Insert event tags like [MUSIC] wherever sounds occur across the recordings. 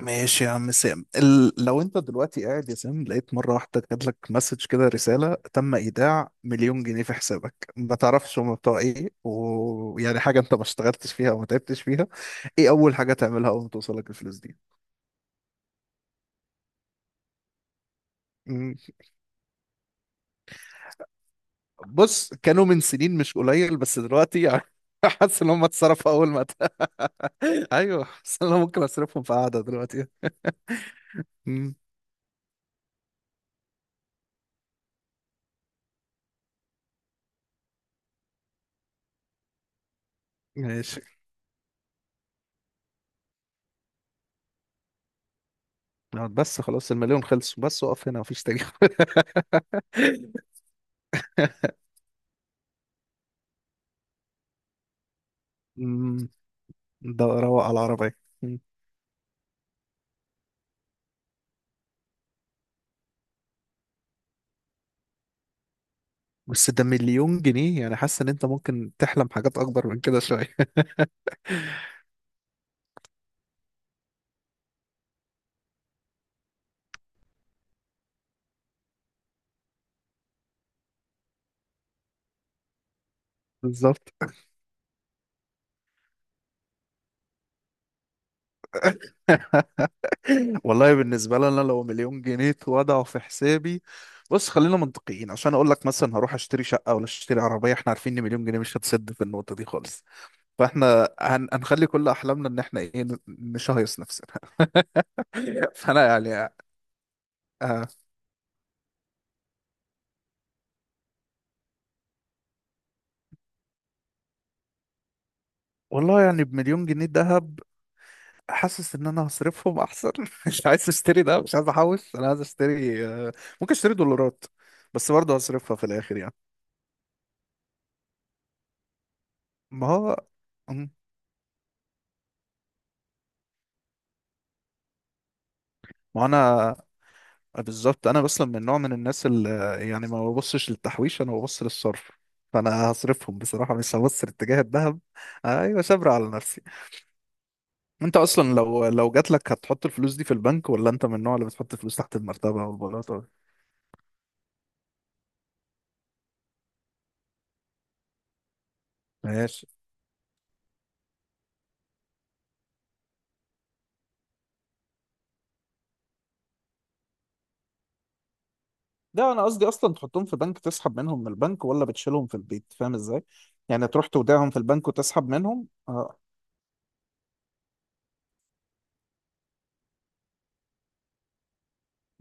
ماشي يا عم سام لو انت دلوقتي قاعد يا سام، لقيت مرة واحدة جاتلك مسج كده، رسالة تم ايداع مليون جنيه في حسابك، ما تعرفش هما بتوع ايه، ويعني حاجة انت ما اشتغلتش فيها وما تعبتش فيها. ايه اول حاجة تعملها اول ما توصلك الفلوس دي؟ مم. بص، كانوا من سنين مش قليل، بس دلوقتي يعني [LAUGHS] حاسس ان هم اتصرفوا اول ما [LAUGHS] ايوه، بس انا ممكن اصرفهم في قعدة دلوقتي. مم. ماشي. بس خلاص المليون خلصوا، بس وقف هنا مفيش تاني. [LAUGHS] مم. ده روق على العربية. مم. بس ده مليون جنيه يعني، حاسس ان انت ممكن تحلم حاجات اكبر من كده شوية. [LAUGHS] بالظبط. [LAUGHS] والله بالنسبة لي انا، لو مليون جنيه اتوضعوا في حسابي، بص خلينا منطقيين عشان اقول لك. مثلا هروح اشتري شقة ولا اشتري عربية؟ احنا عارفين ان مليون جنيه مش هتسد في النقطة دي خالص. فاحنا هنخلي كل احلامنا ان احنا ايه، نشهيص نفسنا. [LAUGHS] فانا يعني آه. والله يعني بمليون جنيه دهب، حاسس ان انا هصرفهم احسن. [LAUGHS] مش عايز اشتري ده، مش عايز احوش، انا عايز اشتري ممكن اشتري دولارات، بس برضه هصرفها في الاخر يعني. ما هو. مم. ما انا بالظبط، انا اصلا من نوع من الناس اللي يعني ما ببصش للتحويش، انا ببص للصرف. فانا هصرفهم بصراحة، مش هبص لاتجاه الذهب. ايوه صبر على نفسي. انت اصلا لو جات لك، هتحط الفلوس دي في البنك، ولا انت من النوع اللي بتحط الفلوس تحت المرتبة والبلاطة؟ ماشي. ده انا قصدي اصلا، تحطهم في بنك تسحب منهم من البنك، ولا بتشيلهم في البيت؟ فاهم ازاي؟ يعني تروح تودعهم في البنك وتسحب منهم، اه.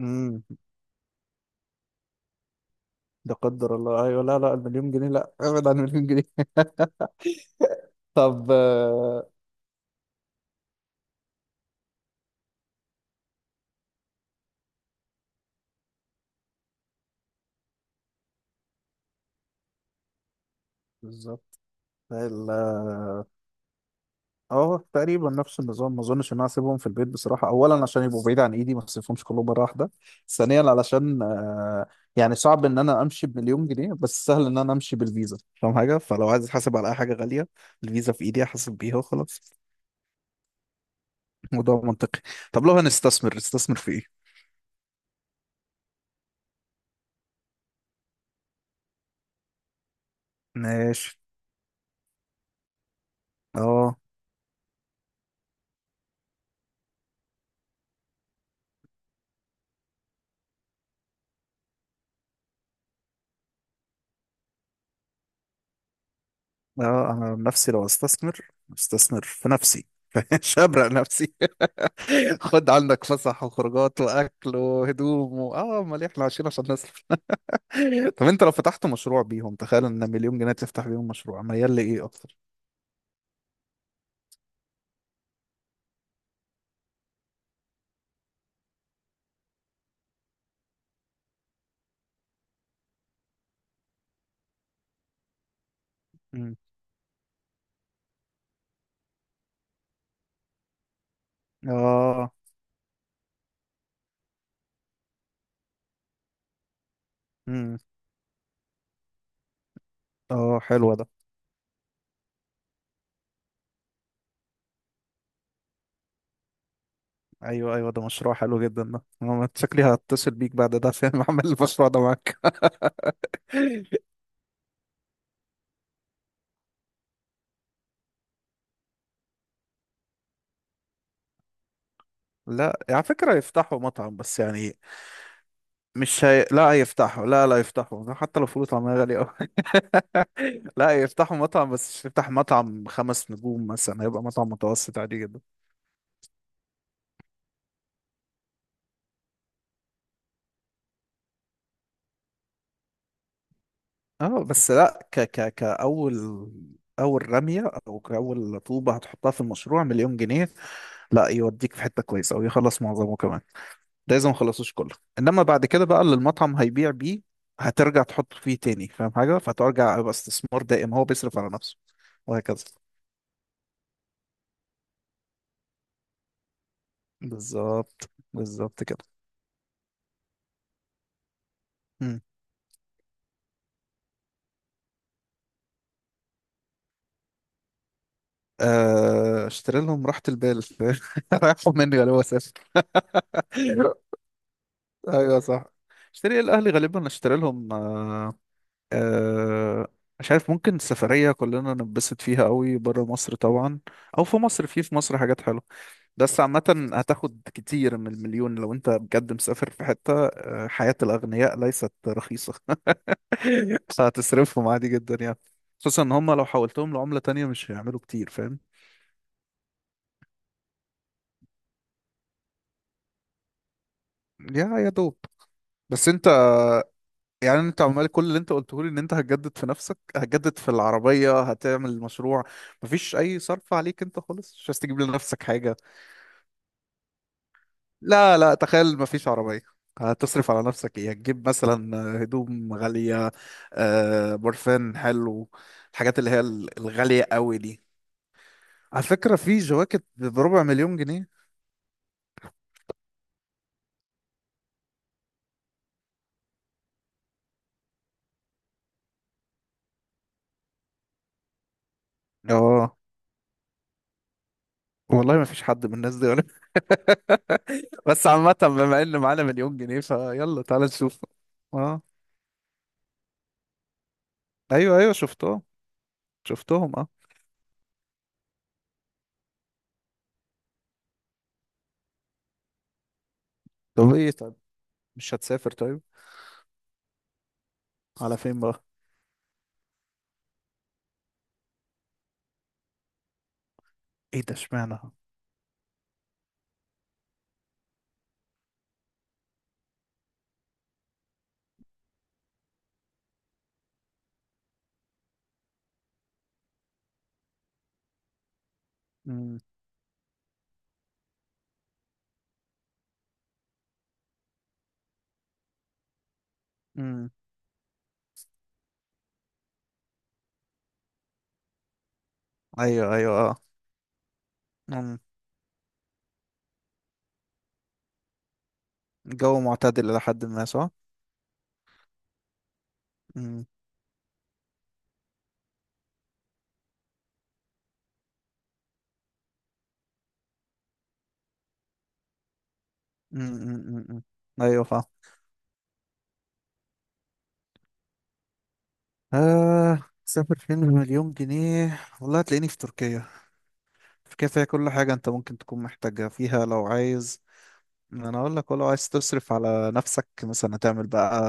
امم. ده قدر الله، ايوه. لا لا، المليون جنيه لا، ابعد عن المليون جنيه. [LAUGHS] طب بالظبط. اه. تقريبا نفس النظام. ما اظنش ان انا اسيبهم في البيت بصراحه، اولا عشان يبقوا بعيد عن ايدي، ما اسيبهمش كلهم مره واحده، ثانيا علشان يعني صعب ان انا امشي بمليون جنيه، بس سهل ان انا امشي بالفيزا، فاهم حاجه، فلو عايز احاسب على اي حاجه غاليه، الفيزا في ايدي احاسب بيها وخلاص. موضوع منطقي. طب لو هنستثمر، نستثمر في ايه؟ ماشي. اه اه، انا عن نفسي لو استثمر، استثمر في نفسي. [LAUGHS] مش هبرق نفسي. [LAUGHS] خد عندك فسح وخروجات واكل وهدوم اه، امال إيه؟ احنا عايشين عشان نصرف. [LAUGHS] طب انت لو فتحت مشروع بيهم، تخيل ان مليون جنيه تفتح بيهم مشروع، ميال لايه اكتر؟ مم. اه. امم. اه حلو ده. ايوه ايوه، ده مشروع حلو جدا، ده أنا شكلي هتصل بيك بعد ده عشان [LAUGHS] اعمل المشروع ده معاك. [LAUGHS] لا على فكرة يفتحوا مطعم، بس يعني مش هي... لا هيفتحوا، لا لا يفتحوا حتى لو فلوس، طعمها غالي أوي. [LAUGHS] لا يفتحوا مطعم، بس مش يفتح مطعم خمس نجوم مثلا، هيبقى مطعم متوسط عادي جدا. اه بس لا، ك ك كأول أول رمية، أو كأول طوبة هتحطها في المشروع مليون جنيه، لا يوديك في حتة كويسة ويخلص معظمه كمان. ده اذا ما خلصوش كله، انما بعد كده بقى اللي المطعم هيبيع بيه هترجع تحط فيه تاني، فاهم حاجه، فترجع يبقى استثمار دائم هو بيصرف على نفسه، وهكذا. بالظبط بالظبط كده. مم. اشتري لهم راحة البال. [LAUGHS] رايحوا مني غالبا، اسافر. [LAUGHS] ايوه صح. اشتري الاهلي غالبا، اشتري لهم آه، مش عارف، ممكن سفرية كلنا ننبسط فيها قوي، بره مصر طبعا، او في مصر، في مصر حاجات حلوة، بس عامة هتاخد كتير من المليون لو انت بجد مسافر في حتة. حياة الأغنياء ليست رخيصة. [LAUGHS] فهتصرفهم عادي جدا يعني، خصوصا ان هم لو حولتهم لعملة تانية مش هيعملوا كتير، فاهم؟ يا دوب. بس انت يعني، انت عمال، كل اللي انت قلته لي ان انت هتجدد في نفسك، هتجدد في العربية، هتعمل مشروع، مفيش اي صرف عليك انت خالص، مش عايز تجيب لنفسك حاجة؟ لا لا، تخيل مفيش عربية، هتصرف على نفسك ايه؟ هتجيب مثلا هدوم غالية، برفان حلو، الحاجات اللي هي الغالية قوي دي. على فكرة في جواكت بربع مليون جنيه. اه. والله مفيش حد من الناس دي ولا؟ [LAUGHS] بس عامة بما ان معانا مليون جنيه، فيلا تعالى نشوف. اه ايوه ايوه، شفتهم شفتهم، اه. طب ايه طيب، مش هتسافر؟ طيب على فين بقى؟ ايه ده، اشمعنى؟ امم. امم. ايوه ايوه. اه. الجو معتدل إلى حد ما، صح؟ مم. مم. مم. مم. أيوة فاهم. آه، سافر فين بمليون جنيه، والله هتلاقيني في تركيا. تركيا فيها كل حاجة أنت ممكن تكون محتاجها فيها. لو عايز، ما أنا أقول لك، ولو عايز تصرف على نفسك مثلا، هتعمل بقى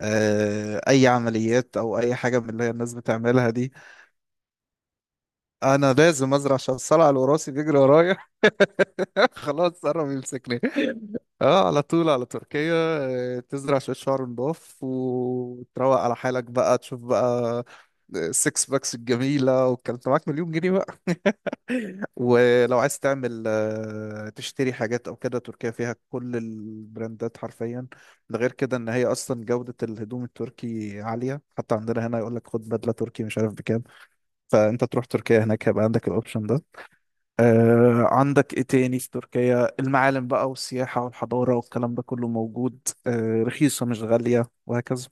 أي عمليات أو أي حاجة من اللي هي الناس بتعملها دي. أنا لازم أزرع عشان الصلع الوراثي بيجري ورايا. [LAUGHS] خلاص قرب يمسكني. اه على طول على تركيا. تزرع شوية شعر نضاف وتروق على حالك بقى، تشوف بقى السكس باكس الجميلة والكلام ده، معاك مليون جنيه بقى. [LAUGHS] ولو عايز تعمل تشتري حاجات او كده، تركيا فيها كل البراندات حرفيا. ده غير كده ان هي اصلا جودة الهدوم التركي عالية، حتى عندنا هنا يقول لك خد بدلة تركي مش عارف بكام. فانت تروح تركيا هناك هيبقى عندك الاوبشن ده. آه، عندك ايه تاني في تركيا؟ المعالم بقى، والسياحة، والحضارة، والكلام ده كله موجود. آه، رخيصة مش غالية، وهكذا.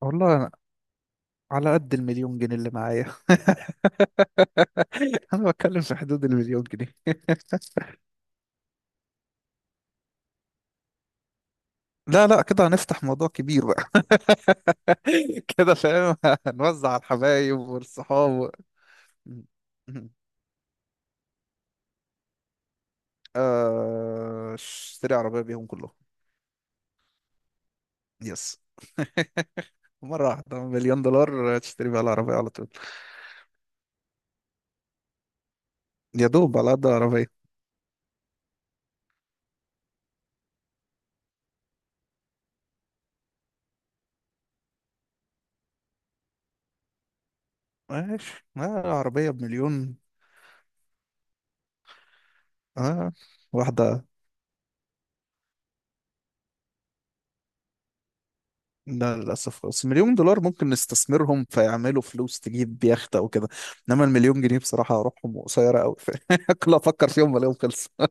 والله أنا على قد المليون جنيه اللي معايا. [LAUGHS] انا بتكلم في حدود المليون جنيه. [LAUGHS] لا لا، كده هنفتح موضوع كبير بقى. [LAUGHS] كده فاهم، هنوزع على الحبايب والصحاب [LAUGHS] م- م. اشتري عربية بيهم كلهم. يس. [LAUGHS] مرة واحدة مليون دولار تشتري بيها العربية على طول. يا دوب على قد عربية. ماشي آه. عربية بمليون. آه، واحدة. لا للأسف خالص، مليون دولار ممكن نستثمرهم فيعملوا فلوس تجيب يخت أو كده، إنما المليون جنيه بصراحة أروحهم قصيرة أوي. [LAUGHS] كل ما أفكر فيهم بلاقيهم خلصوا.